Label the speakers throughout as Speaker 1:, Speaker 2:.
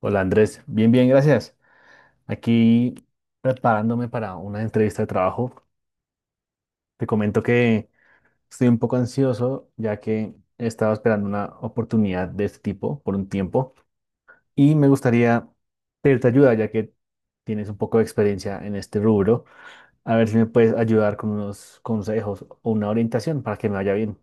Speaker 1: Hola Andrés, bien, bien, gracias. Aquí preparándome para una entrevista de trabajo. Te comento que estoy un poco ansioso ya que he estado esperando una oportunidad de este tipo por un tiempo y me gustaría pedirte ayuda ya que tienes un poco de experiencia en este rubro. A ver si me puedes ayudar con unos consejos o una orientación para que me vaya bien.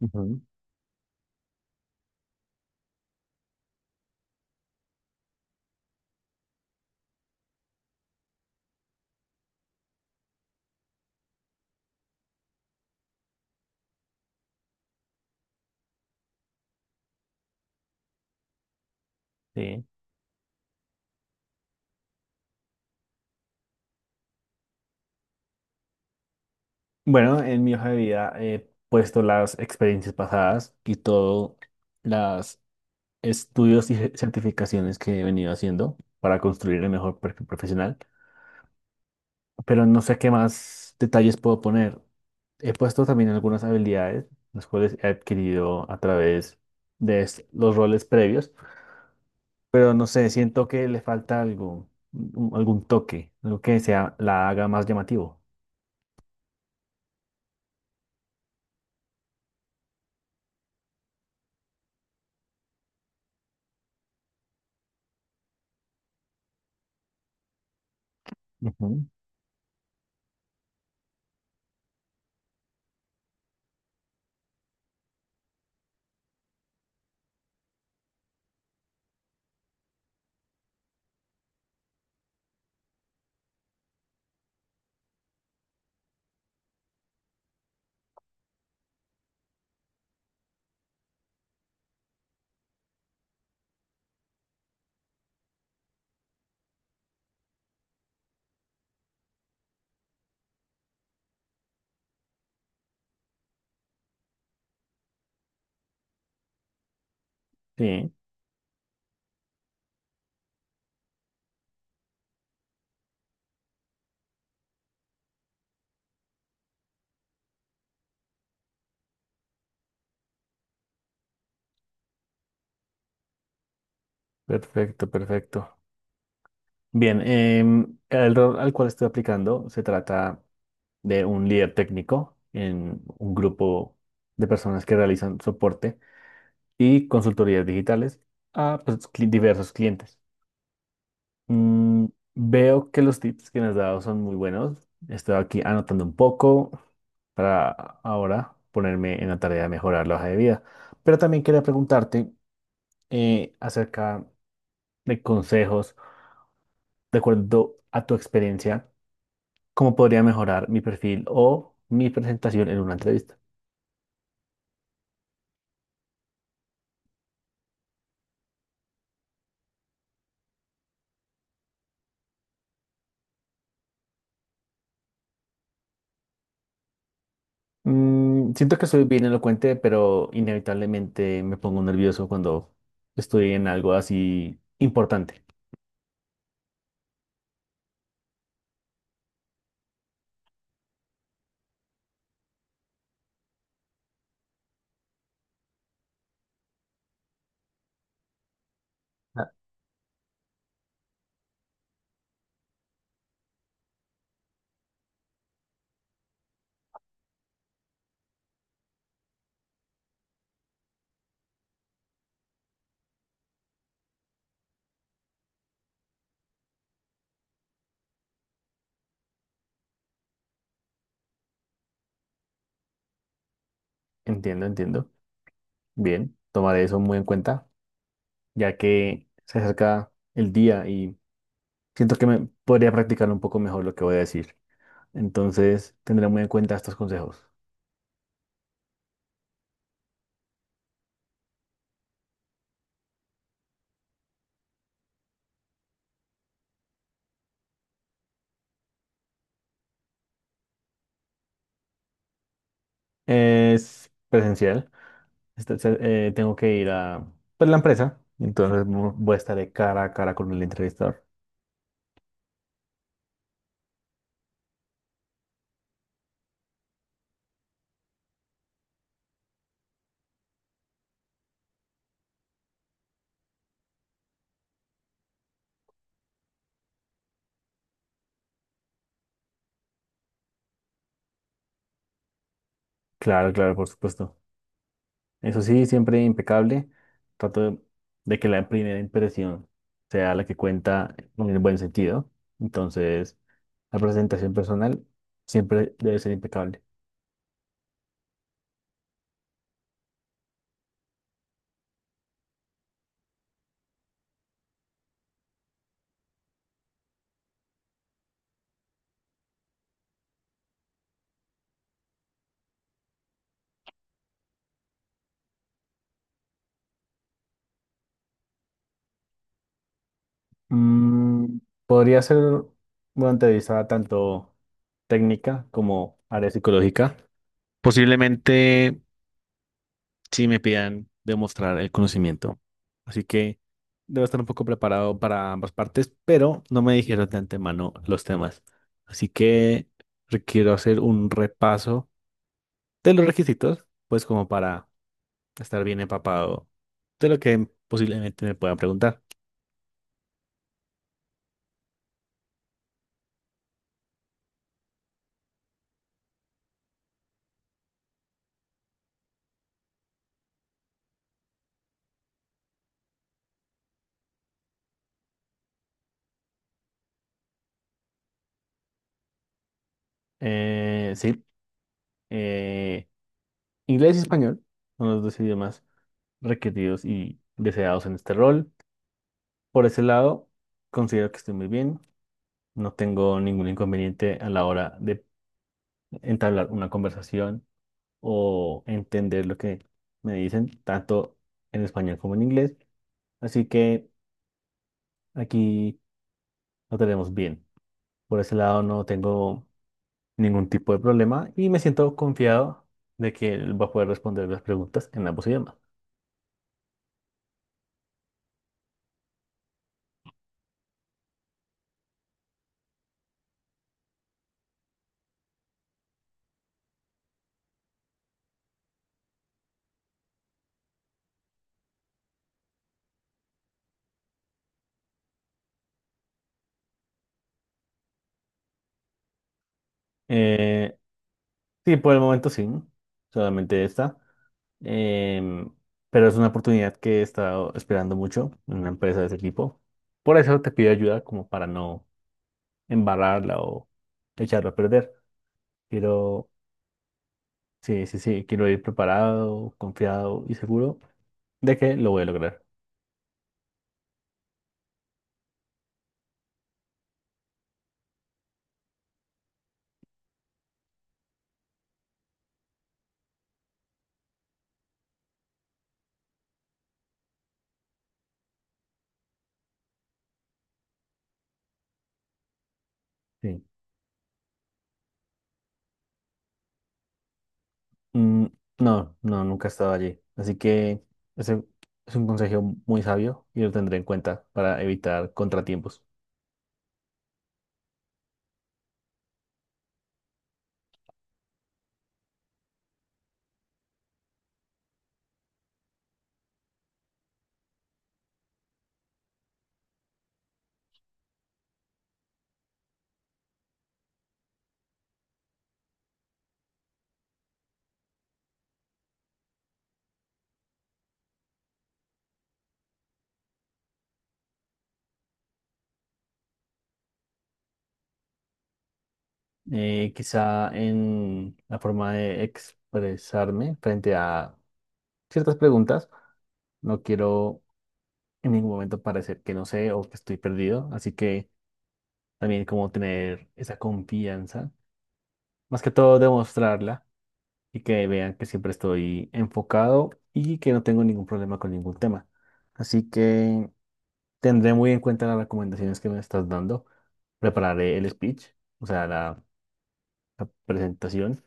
Speaker 1: Ujú. Sí. Bueno, en mi hoja de vida he puesto las experiencias pasadas y todo las estudios y certificaciones que he venido haciendo para construir el mejor perfil profesional, pero no sé qué más detalles puedo poner. He puesto también algunas habilidades, las cuales he adquirido a través de los roles previos, pero no sé, siento que le falta algo, algún toque, algo que sea, la haga más llamativo. Ujú. Sí, perfecto, perfecto. Bien, el rol al cual estoy aplicando se trata de un líder técnico en un grupo de personas que realizan soporte y consultorías digitales a pues, diversos clientes. Mm, veo que los tips que me has dado son muy buenos. Estoy aquí anotando un poco para ahora ponerme en la tarea de mejorar la hoja de vida. Pero también quería preguntarte acerca de consejos, de acuerdo a tu experiencia, cómo podría mejorar mi perfil o mi presentación en una entrevista. Mm, siento que soy bien elocuente, pero inevitablemente me pongo nervioso cuando estoy en algo así importante. Ah, entiendo, entiendo. Bien, tomaré eso muy en cuenta, ya que se acerca el día y siento que me podría practicar un poco mejor lo que voy a decir. Entonces, tendré muy en cuenta estos consejos. Es presencial. esta- se- Tengo que ir a pues, la empresa, entonces voy a estar de cara a cara con el entrevistador. Claro, claro, por supuesto. Eso sí, siempre impecable. Trato de que la primera impresión sea la que cuenta en el buen sentido. Entonces, la presentación personal siempre debe ser impecable. Mm, podría ser una entrevista tanto técnica como área psicológica. Posiblemente sí me pidan demostrar el conocimiento. Así que debo estar un poco preparado para ambas partes, pero no me dijeron de antemano los temas. Así que requiero hacer un repaso de los requisitos, pues como para estar bien empapado de lo que posiblemente me puedan preguntar. Sí, eh, inglés y español son los dos idiomas requeridos y deseados en este rol. Por ese lado, considero que estoy muy bien. No tengo ningún inconveniente a la hora de entablar una conversación o entender lo que me dicen, tanto en español como en inglés. Así que aquí lo tenemos bien. Por ese lado no tengo ningún tipo de problema y me siento confiado de que él va a poder responder las preguntas en ambos idiomas. Eh, Sí, por el momento sí, solamente esta. Em, pero es una oportunidad que he estado esperando mucho en una empresa de ese tipo. Por eso te pido ayuda como para no embarrarla o echarla a perder. Quiero, sí, sí, sí, quiero ir preparado, confiado y seguro de que lo voy a lograr. Sí. Mm, no, no, nunca he estado allí. Así que ese es un consejo muy sabio y lo tendré en cuenta para evitar contratiempos. Quizá en la forma de expresarme frente a ciertas preguntas. No quiero en ningún momento parecer que no sé o que estoy perdido, así que también como tener esa confianza, más que todo demostrarla y que vean que siempre estoy enfocado y que no tengo ningún problema con ningún tema. Así que tendré muy en cuenta las recomendaciones que me estás dando. Prepararé el speech, o sea, la presentación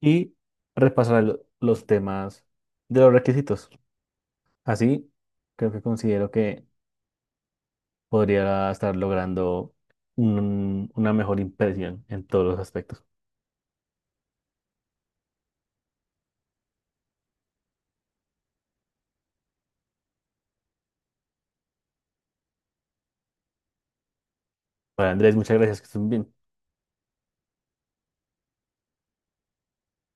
Speaker 1: y repasará los temas de los requisitos. Así, creo que considero que podría estar logrando una mejor impresión en todos los aspectos. Para Andrés, muchas gracias, que estén bien.